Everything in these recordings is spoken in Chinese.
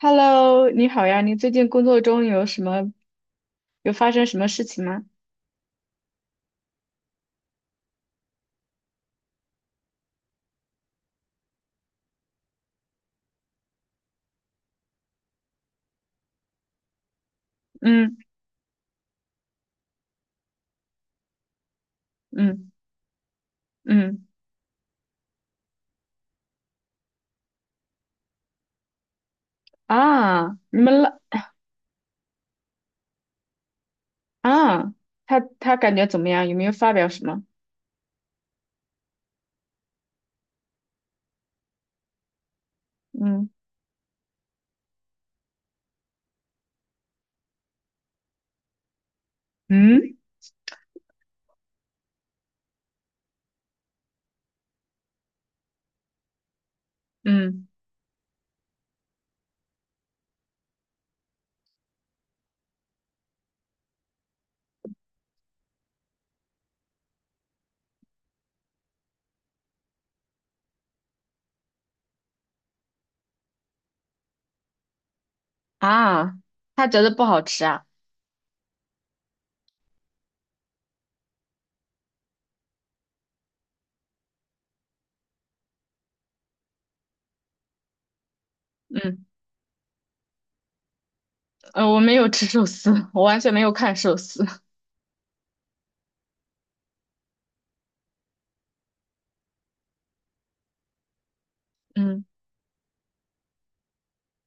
Hello，你好呀，你最近工作中有什么，有发生什么事情吗？嗯嗯嗯，你们了啊，他感觉怎么样？有没有发表什么？嗯嗯嗯，啊，他觉得不好吃啊？嗯，我没有吃寿司，我完全没有看寿司。嗯，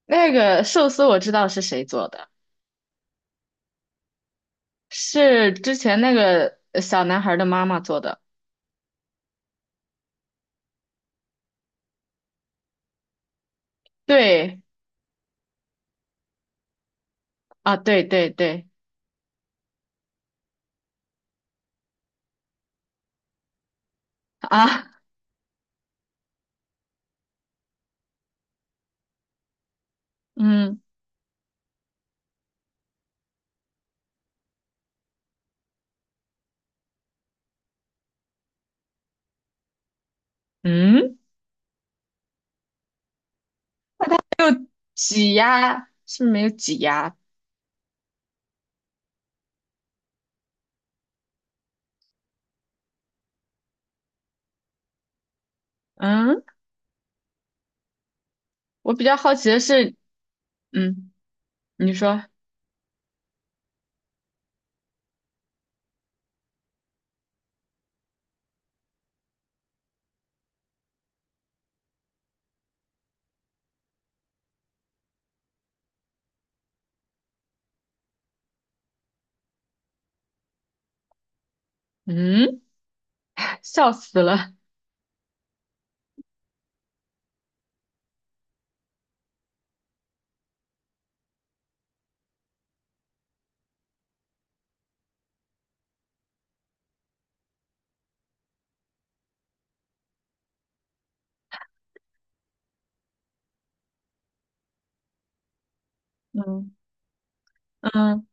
那个寿司我知道是谁做的，是之前那个小男孩的妈妈做的。对啊，对对对啊，嗯嗯。挤压是不是没有挤压。嗯，我比较好奇的是，嗯，你说，嗯，笑死了。嗯嗯，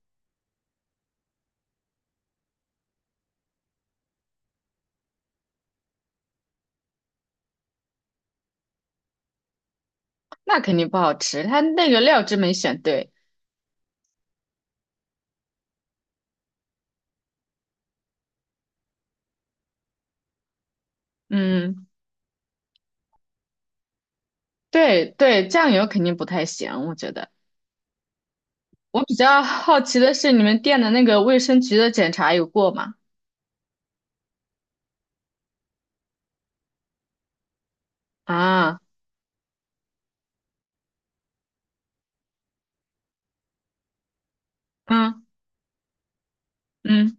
那肯定不好吃，它那个料汁没选对。嗯，对对，酱油肯定不太行，我觉得。我比较好奇的是，你们店的那个卫生局的检查有过吗？啊，嗯嗯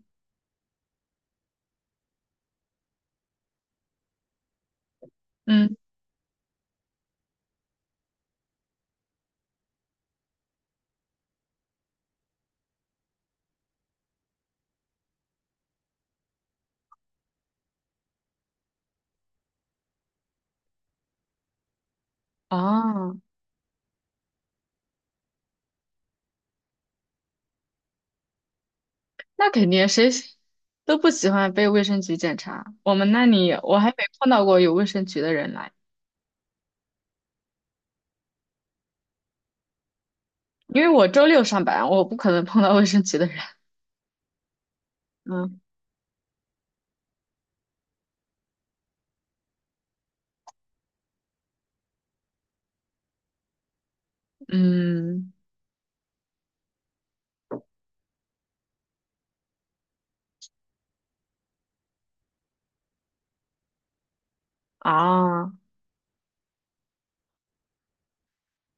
嗯，哦，那肯定，谁都不喜欢被卫生局检查。我们那里我还没碰到过有卫生局的人来。因为我周六上班，我不可能碰到卫生局的人 嗯，嗯，啊，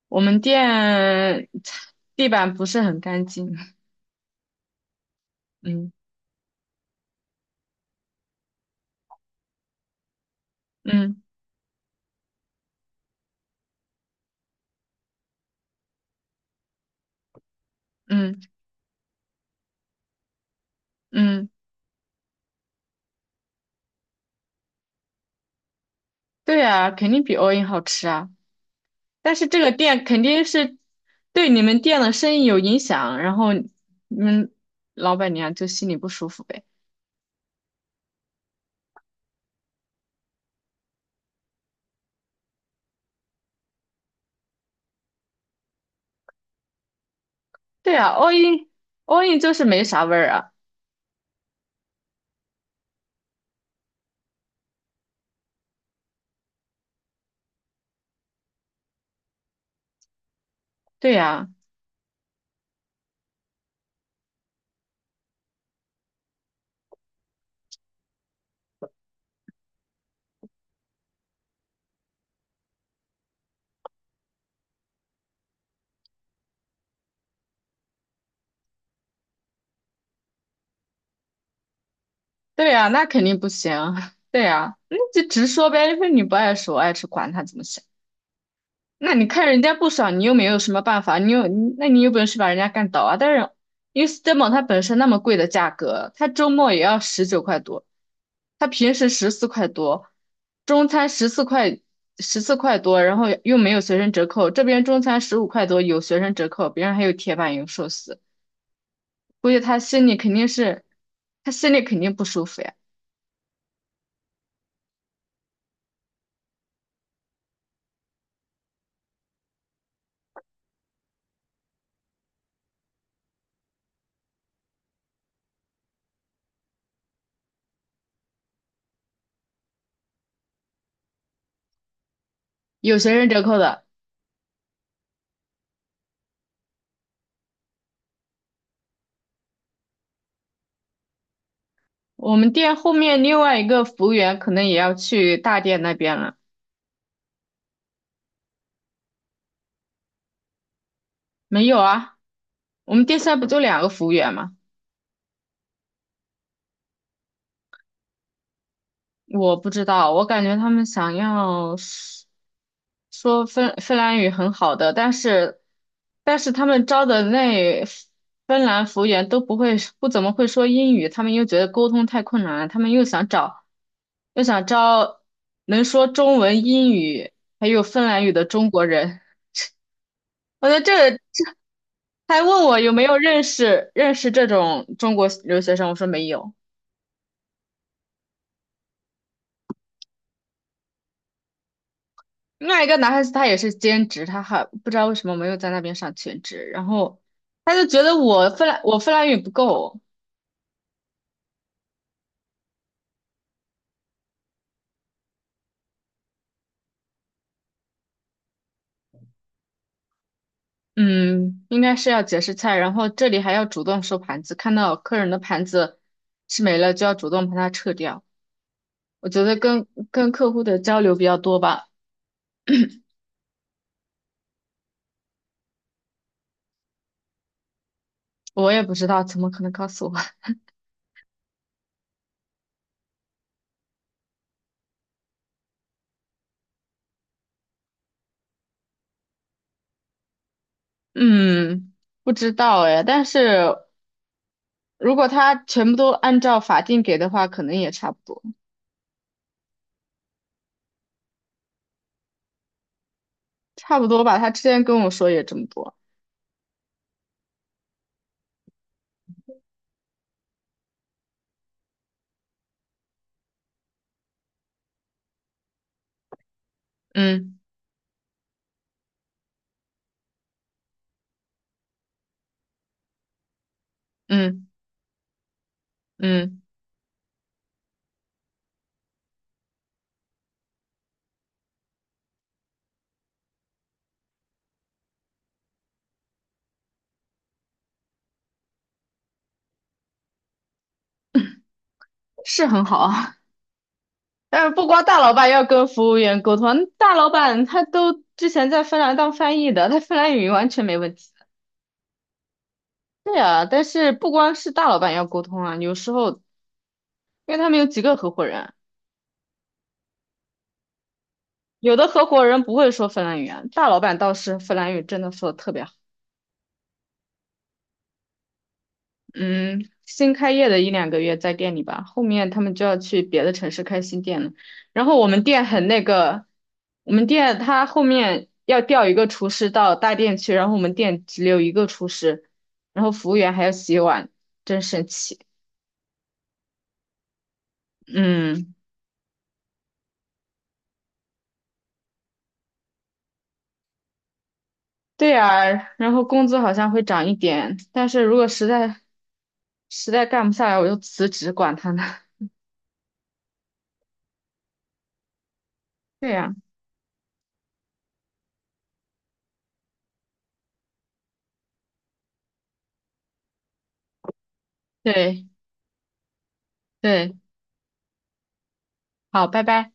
我们店地板不是很干净。嗯嗯嗯嗯，对啊，肯定比欧印好吃啊。但是这个店肯定是对你们店的生意有影响，然后你们老板娘就心里不舒服呗。对啊，l l in 就是没啥味儿啊。对呀、对呀，那肯定不行。对呀，那就直说呗，因为你不爱吃，我爱吃，管他怎么想。那你看人家不爽，你又没有什么办法，你有，你那你有本事把人家干倒啊？但是因为 Stemo 它本身那么贵的价格，它周末也要19块多，它平时十四块多，中餐十四块多，然后又没有学生折扣，这边中餐15块多有学生折扣，别人还有铁板油寿司，估计他心里肯定是，他心里肯定不舒服呀。有学生折扣的。我们店后面另外一个服务员可能也要去大店那边了。没有啊，我们店现在不就两个服务员吗？我不知道，我感觉他们想要说芬兰语很好的，但是他们招的那芬兰服务员都不会不怎么会说英语，他们又觉得沟通太困难了，他们又想找又想招能说中文、英语还有芬兰语的中国人。我觉得这他还问我有没有认识这种中国留学生，我说没有。另外一个男孩子他也是兼职，他还不知道为什么没有在那边上全职，然后他就觉得我芬兰语不够，嗯，应该是要解释菜，然后这里还要主动收盘子，看到客人的盘子吃没了就要主动把它撤掉。我觉得跟客户的交流比较多吧，我也不知道，怎么可能告诉我？嗯，不知道哎，但是。如果他全部都按照法定给的话，可能也差不多，差不多吧。他之前跟我说也这么多，嗯嗯嗯，是很好啊。但是不光大老板要跟服务员沟通，大老板他都之前在芬兰当翻译的，他芬兰语完全没问题。对啊，但是不光是大老板要沟通啊，有时候因为他们有几个合伙人，有的合伙人不会说芬兰语啊，大老板倒是芬兰语真的说的特别好。嗯，新开业的一两个月在店里吧，后面他们就要去别的城市开新店了。然后我们店很那个，我们店他后面要调一个厨师到大店去，然后我们店只有一个厨师，然后服务员还要洗碗，真神奇。嗯，对呀，然后工资好像会涨一点，但是如果实在干不下来，我就辞职，管他呢。对呀，对对，好，拜拜。